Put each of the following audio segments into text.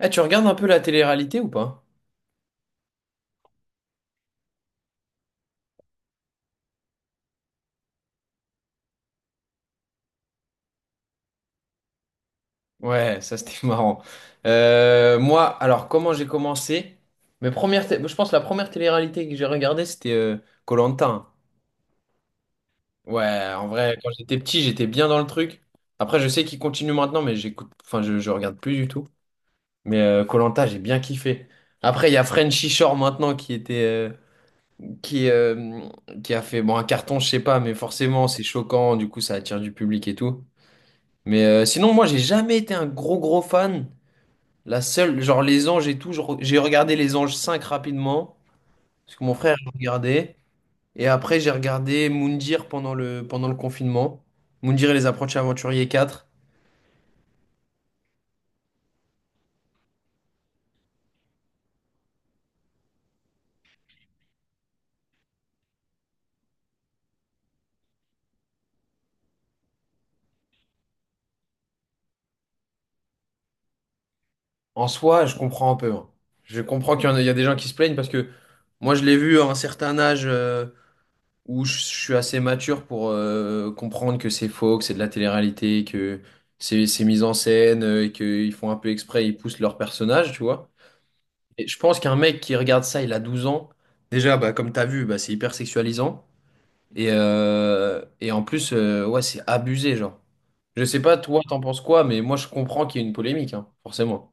Eh, tu regardes un peu la télé-réalité ou pas? Ouais, ça c'était marrant. Moi, alors comment j'ai commencé? Mes premières, je pense que la première télé-réalité que j'ai regardée c'était Koh-Lanta, hein. Ouais, en vrai, quand j'étais petit, j'étais bien dans le truc. Après, je sais qu'il continue maintenant, mais j'écoute, enfin, je regarde plus du tout. Mais koh j'ai bien kiffé. Après, il y a Frenchy Shore maintenant qui, euh, qui a fait bon un carton, je sais pas, mais forcément c'est choquant, du coup ça attire du public et tout. Mais sinon, moi, j'ai jamais été un gros gros fan. La seule, genre les Anges et tout, j'ai regardé les Anges 5 rapidement, parce que mon frère il regardait. Et après, j'ai regardé Moundir pendant le confinement. Moundir et les approches aventuriers 4. En soi, je comprends un peu, hein. Je comprends qu'il y a des gens qui se plaignent parce que moi, je l'ai vu à un certain âge où je suis assez mature pour comprendre que c'est faux, que c'est de la télé-réalité, que c'est mis en scène et qu'ils font un peu exprès, ils poussent leur personnage, tu vois. Et je pense qu'un mec qui regarde ça, il a 12 ans. Déjà, bah, comme t'as vu, bah, c'est hyper sexualisant. Et en plus, ouais, c'est abusé, genre. Je sais pas, toi, t'en penses quoi, mais moi, je comprends qu'il y ait une polémique, hein, forcément.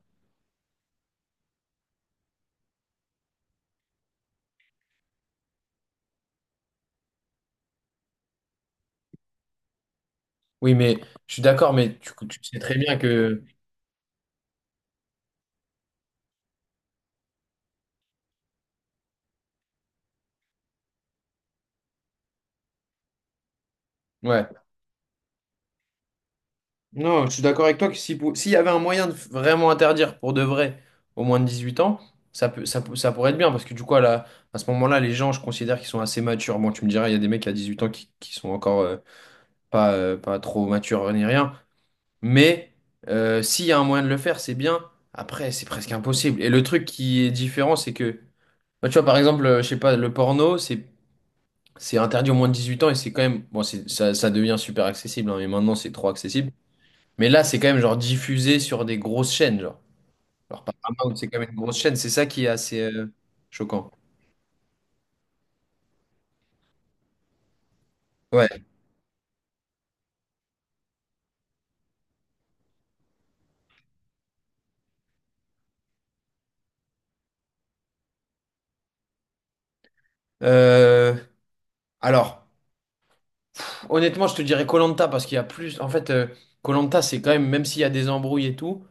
Oui, mais je suis d'accord, mais tu sais très bien que... Ouais. Non, je suis d'accord avec toi que si, s'il y avait un moyen de vraiment interdire pour de vrai au moins de 18 ans, ça pourrait être bien, parce que du coup, à ce moment-là, les gens, je considère qu'ils sont assez matures. Bon, tu me diras, il y a des mecs à 18 ans qui sont encore, pas trop mature ni rien. Mais s'il y a un moyen de le faire, c'est bien. Après, c'est presque impossible. Et le truc qui est différent, c'est que, bah, tu vois, par exemple, je sais pas, le porno, c'est interdit au moins de 18 ans et c'est quand même, bon, ça devient super accessible, hein, mais maintenant c'est trop accessible. Mais là, c'est quand même genre diffusé sur des grosses chaînes, genre. Alors, Paramount, c'est quand même une grosse chaîne, c'est ça qui est assez choquant. Ouais. Euh, alors, honnêtement, je te dirais koh parce qu'il y a plus. En fait, koh c'est quand même, même s'il y a des embrouilles et tout.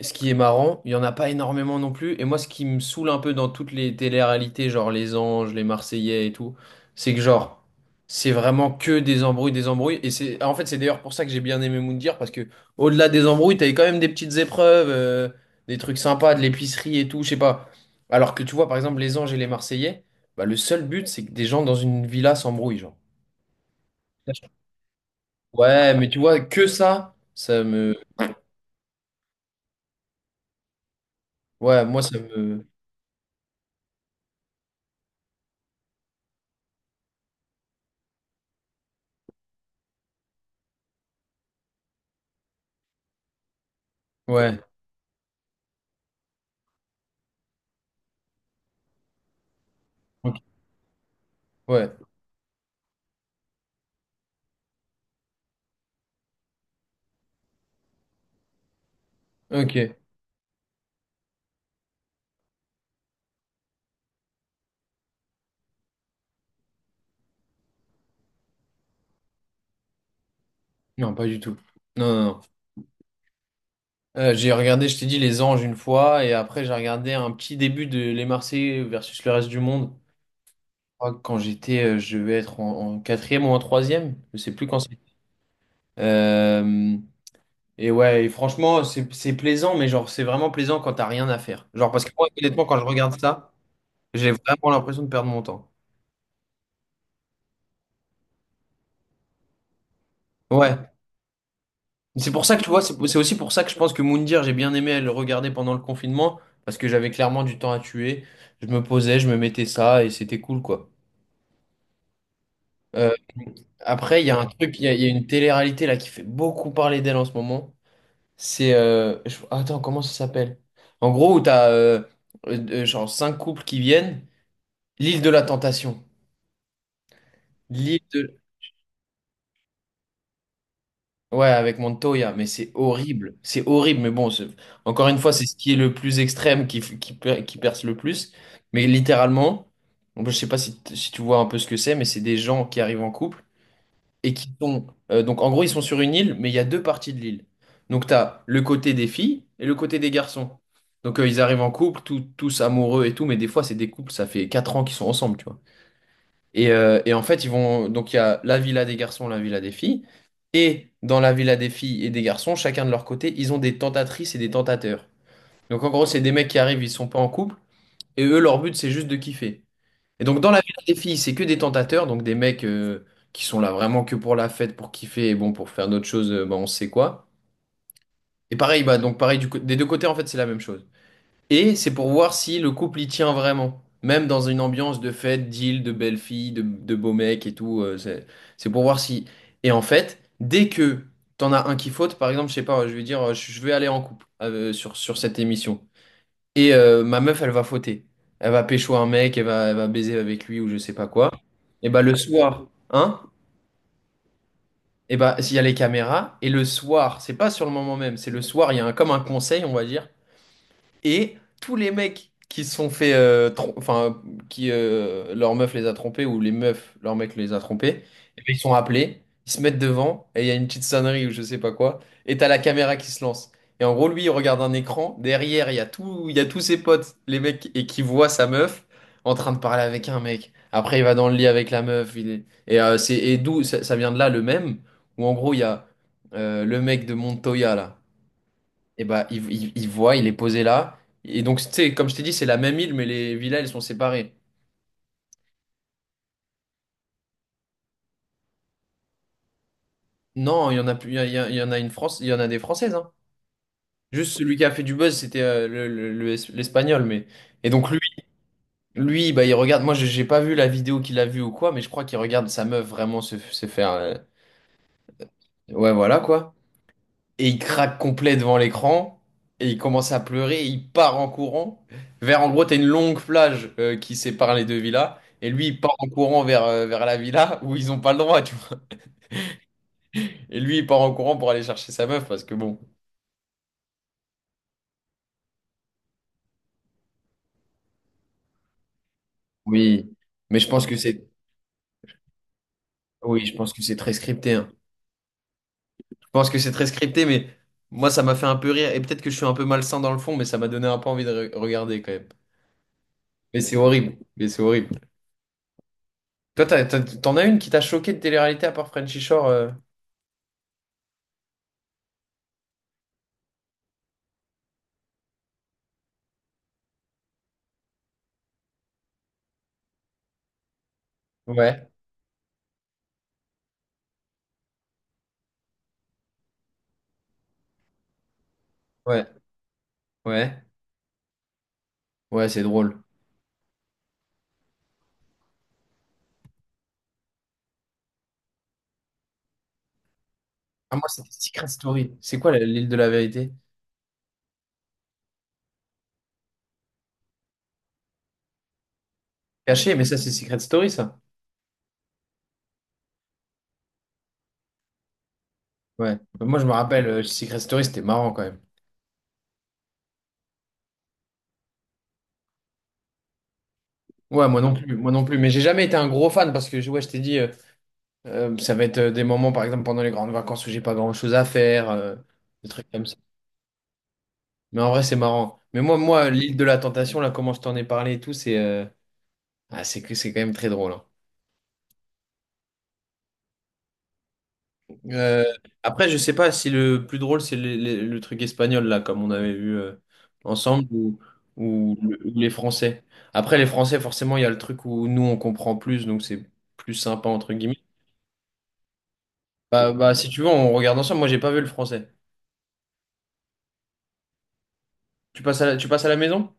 Ce qui est marrant, il n'y en a pas énormément non plus. Et moi, ce qui me saoule un peu dans toutes les télé-réalités, genre Les Anges, Les Marseillais et tout, c'est que genre, c'est vraiment que des embrouilles, des embrouilles. Et en fait, c'est d'ailleurs pour ça que j'ai bien aimé Moundir, parce que au-delà des embrouilles, t'avais quand même des petites épreuves, des trucs sympas, de l'épicerie et tout, je sais pas. Alors que tu vois, par exemple, Les Anges et Les Marseillais, bah, le seul but, c'est que des gens dans une villa s'embrouillent, genre. Ouais, mais tu vois, que ça me... Ouais, moi, ça me... Ouais, ok, ouais, ok. Non, pas du tout. Non, non, non. J'ai regardé, je t'ai dit, Les Anges une fois, et après j'ai regardé un petit début de Les Marseillais versus le reste du monde. Je crois que quand j'étais, je devais être en quatrième ou en troisième, je sais plus quand c'était. Euh, ouais, et franchement, c'est plaisant, mais genre c'est vraiment plaisant quand t'as rien à faire. Genre parce que moi, honnêtement, quand je regarde ça, j'ai vraiment l'impression de perdre mon temps. Ouais. C'est pour ça que tu vois, c'est aussi pour ça que je pense que Moundir, j'ai bien aimé le regarder pendant le confinement, parce que j'avais clairement du temps à tuer. Je me posais, je me mettais ça, et c'était cool, quoi. Euh, Après, il y a un truc, il y a une télé-réalité là qui fait beaucoup parler d'elle en ce moment. Attends, comment ça s'appelle? En gros, où t'as genre cinq couples qui viennent, l'île de la tentation. L'île de. Ouais, avec Montoya, mais c'est horrible. C'est horrible, mais bon, encore une fois, c'est ce qui est le plus extrême qui perce le plus. Mais littéralement, bon, je sais pas si, si tu vois un peu ce que c'est, mais c'est des gens qui arrivent en couple et qui sont. Donc, en gros, ils sont sur une île, mais il y a deux parties de l'île. Donc, tu as le côté des filles et le côté des garçons. Donc, ils arrivent en couple, tous amoureux et tout, mais des fois, c'est des couples, ça fait 4 ans qu'ils sont ensemble, tu vois. Et en fait, ils vont. Donc, il y a la villa des garçons, la villa des filles. Et dans la villa des filles et des garçons, chacun de leur côté, ils ont des tentatrices et des tentateurs. Donc, en gros, c'est des mecs qui arrivent, ils sont pas en couple. Et eux, leur but, c'est juste de kiffer. Et donc, dans la villa des filles, c'est que des tentateurs. Donc, des mecs qui sont là vraiment que pour la fête, pour kiffer. Et bon, pour faire d'autres choses, bah, on sait quoi. Et pareil, bah, donc, pareil, des deux côtés, en fait, c'est la même chose. Et c'est pour voir si le couple y tient vraiment. Même dans une ambiance de fête, d'île, de belles filles, de beaux mecs et tout. C'est pour voir si. Et en fait, dès que t'en as un qui faute, par exemple, je sais pas, je vais dire, je vais aller en couple sur cette émission. Et ma meuf, elle va fauter. Elle va pécho un mec, elle va baiser avec lui ou je sais pas quoi. Et bah le soir, hein? Et bah s'il y a les caméras, et le soir, c'est pas sur le moment même, c'est le soir, il y a comme un conseil, on va dire. Et tous les mecs qui se sont fait, enfin, qui leur meuf les a trompés ou les meufs, leur mec les a trompés, et puis ils sont appelés, ils se mettent devant et il y a une petite sonnerie ou je sais pas quoi, et t'as la caméra qui se lance. Et en gros, lui, il regarde un écran, derrière, il y a tout, il y a tous ses potes, les mecs, et qui voit sa meuf en train de parler avec un mec. Après, il va dans le lit avec la meuf. Et d'où ça, ça vient de là, le même, où en gros, il y a le mec de Montoya, là. Et bah, il voit, il est posé là. Et donc, tu sais, comme je t'ai dit, c'est la même île, mais les villas, elles sont séparées. Non, il y en a plus, il y en a une France, il y en a des Françaises, hein. Juste celui qui a fait du buzz, c'était l'Espagnol, mais. Et donc, lui, bah, il regarde. Moi, j'ai pas vu la vidéo qu'il a vue ou quoi, mais je crois qu'il regarde sa meuf vraiment se faire. Ouais, voilà, quoi. Et il craque complet devant l'écran. Et il commence à pleurer. Il part en courant. Vers, en gros, t'as une longue plage qui sépare les deux villas. Et lui, il part en courant vers la villa où ils ont pas le droit, tu vois. Et lui, il part en courant pour aller chercher sa meuf parce que bon. Oui. Mais je pense que c'est. Oui, je pense que c'est très scripté, hein. Je pense que c'est très scripté, mais moi, ça m'a fait un peu rire. Et peut-être que je suis un peu malsain dans le fond, mais ça m'a donné un peu envie de regarder quand même. Mais c'est horrible. Mais c'est horrible. Toi, t'en as une qui t'a choqué de télé-réalité à part Frenchy Shore? Ouais. Ouais, ouais, ouais, c'est drôle. Ah, moi, c'était Secret Story. C'est quoi l'île de la vérité? Cachée, mais ça, c'est Secret Story, ça. Ouais. Bah, moi, je me rappelle, Secret Story, c'était marrant quand même. Ouais, moi non plus, moi non plus. Mais j'ai jamais été un gros fan parce que, ouais, je t'ai dit, ça va être des moments, par exemple, pendant les grandes vacances où j'ai pas grand-chose à faire, des trucs comme ça. Mais en vrai, c'est marrant. Mais moi, l'île de la tentation, là, comment je t'en ai parlé et tout, c'est que c'est quand même très drôle, hein. Euh, Après, je sais pas si le plus drôle, c'est le truc espagnol, là, comme on avait vu ensemble, ou, ou les Français. Après, les Français, forcément, il y a le truc où nous, on comprend plus, donc c'est plus sympa, entre guillemets. Bah, si tu veux, on regarde ensemble. Moi, j'ai pas vu le français. Tu passes à la maison?